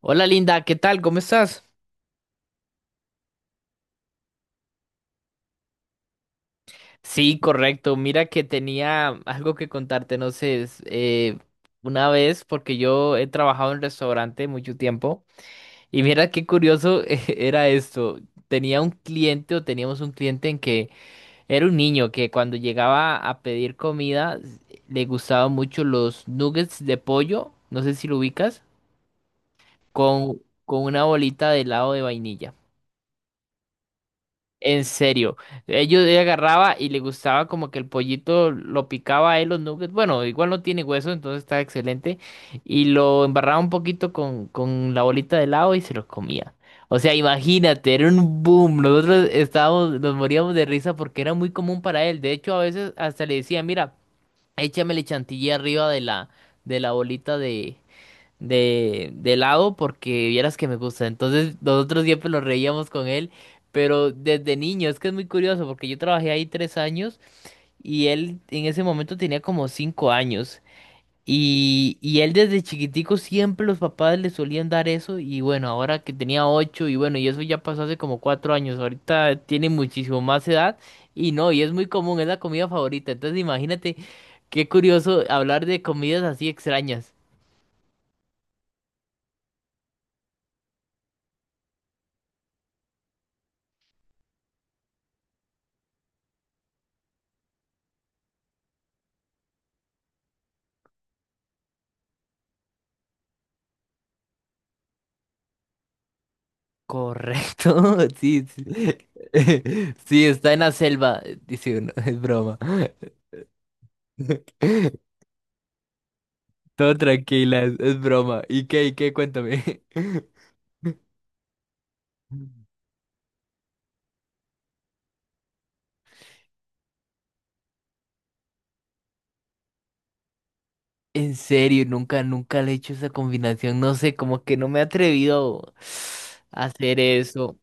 Hola Linda, ¿qué tal? ¿Cómo estás? Sí, correcto. Mira que tenía algo que contarte, no sé, es, una vez, porque yo he trabajado en restaurante mucho tiempo, y mira qué curioso. Era esto. Tenía un cliente o teníamos un cliente en que era un niño que cuando llegaba a pedir comida le gustaban mucho los nuggets de pollo, no sé si lo ubicas, con una bolita de helado de vainilla. En serio, ellos yo agarraba y le gustaba como que el pollito lo picaba a él los nuggets. Bueno, igual no tiene hueso, entonces está excelente. Y lo embarraba un poquito con la bolita de helado y se los comía. O sea, imagínate, era un boom. Nosotros estábamos, nos moríamos de risa porque era muy común para él. De hecho, a veces hasta le decía, mira, échamele chantilly arriba de la bolita de lado porque vieras que me gusta. Entonces nosotros siempre nos reíamos con él, pero desde niño, es que es muy curioso porque yo trabajé ahí 3 años y él en ese momento tenía como 5 años. Y él desde chiquitico siempre los papás le solían dar eso y bueno, ahora que tenía ocho y bueno, y eso ya pasó hace como 4 años, ahorita tiene muchísimo más edad y no, y es muy común, es la comida favorita, entonces imagínate qué curioso hablar de comidas así extrañas. Correcto. Sí, sí. Sí, está en la selva, dice uno, es broma. Todo tranquila, es broma. ¿Y qué, y qué? Cuéntame. En serio, nunca, nunca le he hecho esa combinación. No sé, como que no me he atrevido a hacer eso.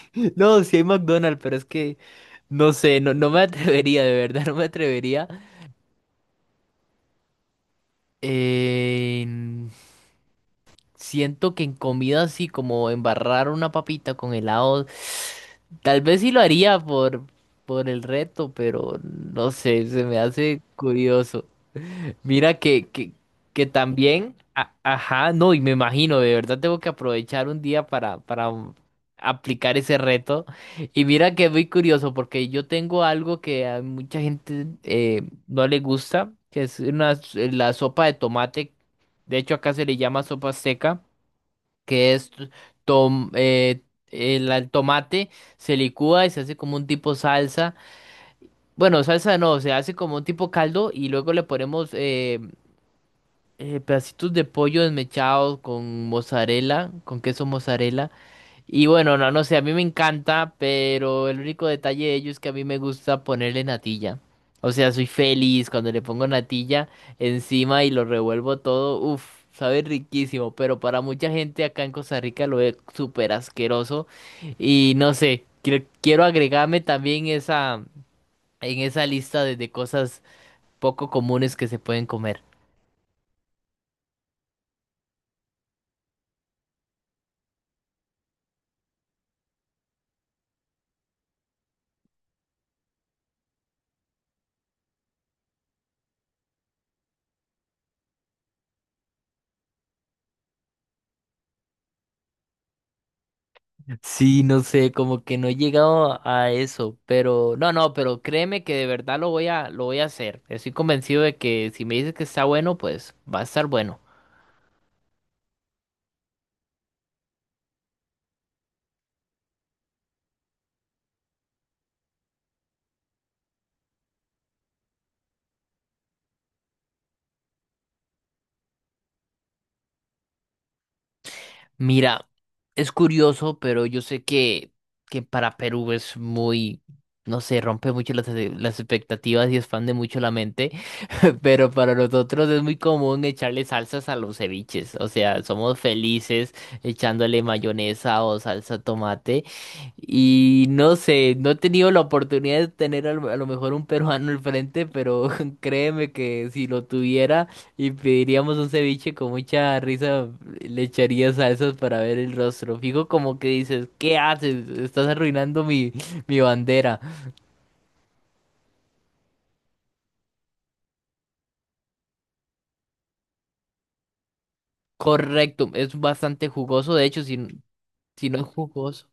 No, sí hay McDonald's, pero es que no sé, no, no me atrevería, de verdad, no me atrevería. Eh, Siento que en comida así como embarrar una papita con helado, tal vez sí lo haría por el reto, pero no sé, se me hace curioso. Mira que también, ajá, no, y me imagino, de verdad tengo que aprovechar un día para aplicar ese reto. Y mira que es muy curioso porque yo tengo algo que a mucha gente no le gusta, que es la sopa de tomate. De hecho, acá se le llama sopa seca que es tom- eh, el tomate, se licúa y se hace como un tipo salsa. Bueno, salsa no, se hace como un tipo caldo y luego le ponemos pedacitos de pollo desmechados con mozzarella, con queso mozzarella. Y bueno, no, no sé, a mí me encanta, pero el único detalle de ello es que a mí me gusta ponerle natilla. O sea, soy feliz cuando le pongo natilla encima y lo revuelvo todo. Uf, sabe riquísimo, pero para mucha gente acá en Costa Rica lo ve súper asqueroso. Y no sé, quiero agregarme también en esa lista de cosas poco comunes que se pueden comer. Sí, no sé, como que no he llegado a eso, pero no, no, pero créeme que de verdad lo voy a hacer. Estoy convencido de que si me dices que está bueno, pues va a estar bueno. Mira, es curioso, pero yo sé que para Perú es muy, no sé, rompe mucho las expectativas y expande mucho la mente. Pero para nosotros es muy común echarle salsas a los ceviches, o sea, somos felices echándole mayonesa o salsa tomate y no sé, no he tenido la oportunidad de tener a lo mejor un peruano al frente, pero créeme que si lo tuviera... Y pediríamos un ceviche con mucha risa, le echaría salsas para ver el rostro. Fijo como que dices, ¿qué haces? Estás arruinando mi bandera. Correcto, es bastante jugoso, de hecho, si no es jugoso.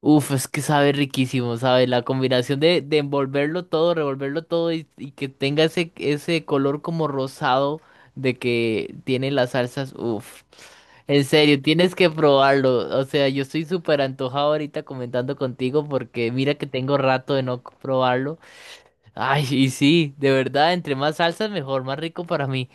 Uf, es que sabe riquísimo, sabe, la combinación de envolverlo todo, revolverlo todo y que tenga ese color como rosado de que tiene las salsas, uf, en serio, tienes que probarlo, o sea, yo estoy súper antojado ahorita comentando contigo porque mira que tengo rato de no probarlo, ay, y sí, de verdad, entre más salsas mejor, más rico para mí,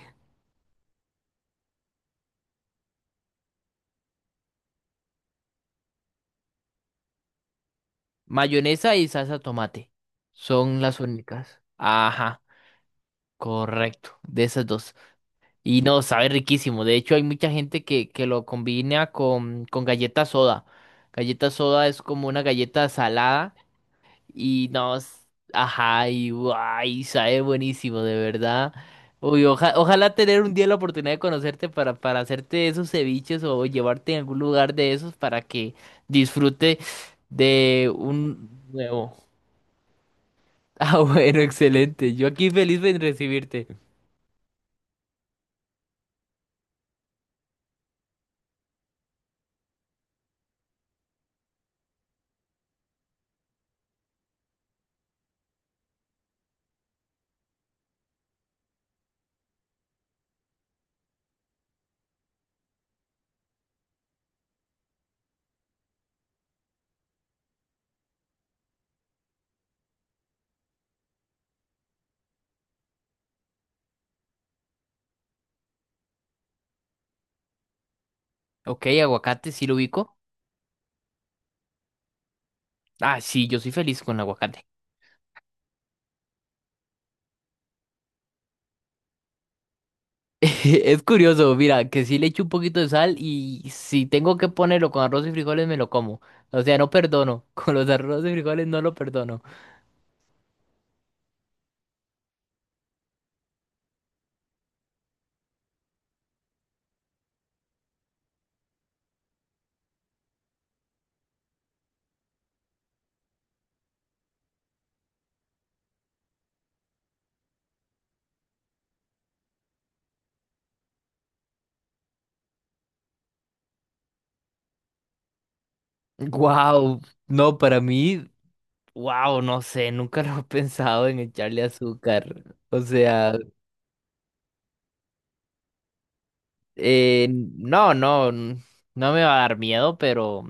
mayonesa y salsa tomate, son las únicas, ajá, correcto, de esas dos. Y no, sabe riquísimo. De hecho, hay mucha gente que lo combina con galleta soda. Galleta soda es como una galleta salada y no, ajá, y guay, sabe buenísimo, de verdad. Uy, ojalá tener un día la oportunidad de conocerte para hacerte esos ceviches o llevarte a algún lugar de esos para que disfrute de un nuevo. Ah, bueno, excelente. Yo aquí feliz de recibirte. Ok, aguacate, sí lo ubico. Ah, sí, yo soy feliz con el aguacate. Es curioso, mira, que sí le echo un poquito de sal y si tengo que ponerlo con arroz y frijoles me lo como. O sea, no perdono. Con los arroz y frijoles no lo perdono. Wow, no, para mí, wow, no sé, nunca lo he pensado en echarle azúcar. O sea, no, no, no me va a dar miedo, pero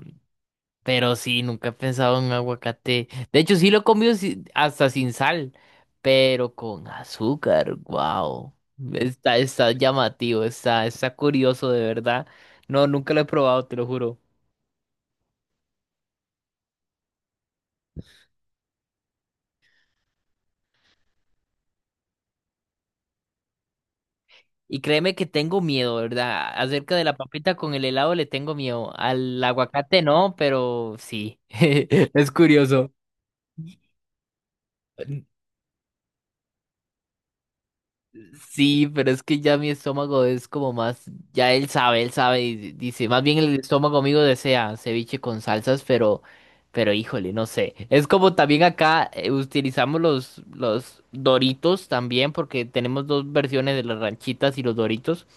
Pero sí, nunca he pensado en un aguacate. De hecho, sí lo he comido hasta sin sal, pero con azúcar. Wow. Está llamativo, está curioso de verdad. No, nunca lo he probado, te lo juro. Y créeme que tengo miedo, ¿verdad? Acerca de la papita con el helado le tengo miedo. Al aguacate no, pero sí. Es curioso. Sí, pero es que ya mi estómago es como más, ya él sabe y dice, más bien el estómago mío desea ceviche con salsas, pero híjole, no sé. Es como también acá utilizamos los Doritos también, porque tenemos dos versiones de las ranchitas y los Doritos,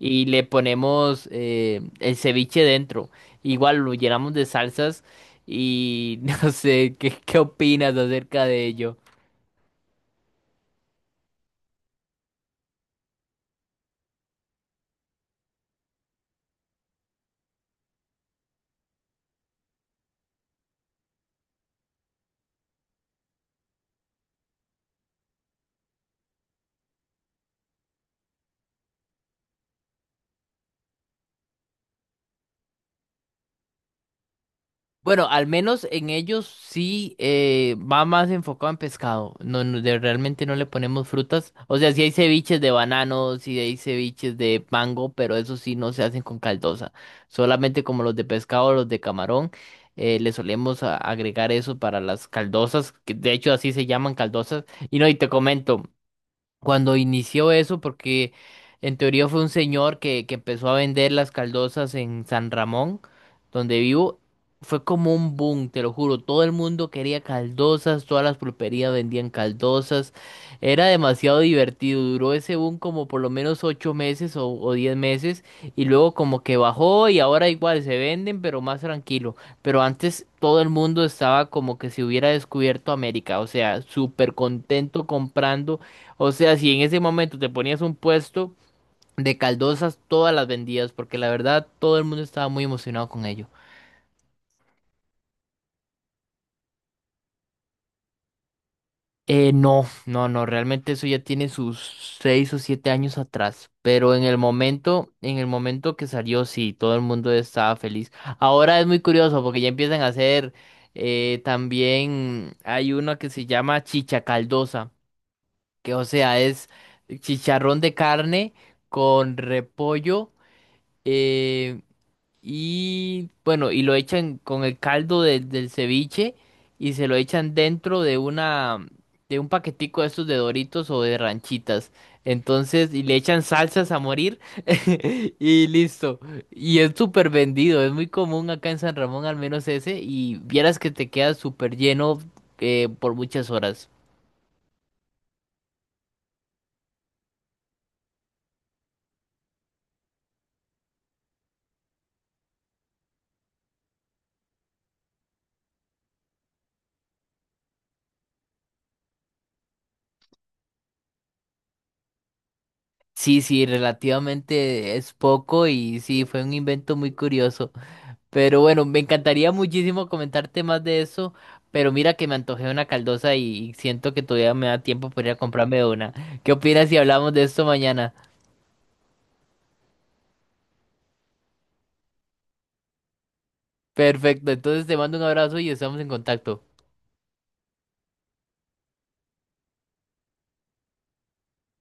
y le ponemos el ceviche dentro. Igual lo llenamos de salsas y no sé, ¿qué opinas acerca de ello? Bueno, al menos en ellos sí va más enfocado en pescado. No, no, realmente no le ponemos frutas. O sea, sí hay ceviches de banano, sí hay ceviches de mango, pero eso sí no se hacen con caldosa. Solamente como los de pescado, los de camarón, le solemos agregar eso para las caldosas, que de hecho así se llaman caldosas. Y no, y te comento cuando inició eso, porque en teoría fue un señor que empezó a vender las caldosas en San Ramón, donde vivo. Fue como un boom, te lo juro. Todo el mundo quería caldosas, todas las pulperías vendían caldosas. Era demasiado divertido. Duró ese boom como por lo menos 8 meses o 10 meses. Y luego como que bajó y ahora igual se venden, pero más tranquilo. Pero antes todo el mundo estaba como que si hubiera descubierto América. O sea, súper contento comprando, o sea, si en ese momento te ponías un puesto de caldosas, todas las vendías, porque la verdad todo el mundo estaba muy emocionado con ello. No, no, no, realmente eso ya tiene sus 6 o 7 años atrás. Pero en el momento que salió, sí, todo el mundo estaba feliz. Ahora es muy curioso porque ya empiezan a hacer, también hay una que se llama chicha caldosa, que o sea, es chicharrón de carne con repollo. eh, Y bueno, y lo echan con el caldo del ceviche y se lo echan dentro de un paquetico de estos de Doritos o de ranchitas. Entonces, y le echan salsas a morir y listo. Y es súper vendido, es muy común acá en San Ramón, al menos ese, y vieras que te queda súper lleno por muchas horas. Sí, sí, relativamente es poco y sí, fue un invento muy curioso. Pero bueno, me encantaría muchísimo comentarte más de eso, pero mira que me antojé una caldosa y siento que todavía me da tiempo para ir a comprarme una. ¿Qué opinas si hablamos de esto mañana? Perfecto, entonces te mando un abrazo y estamos en contacto.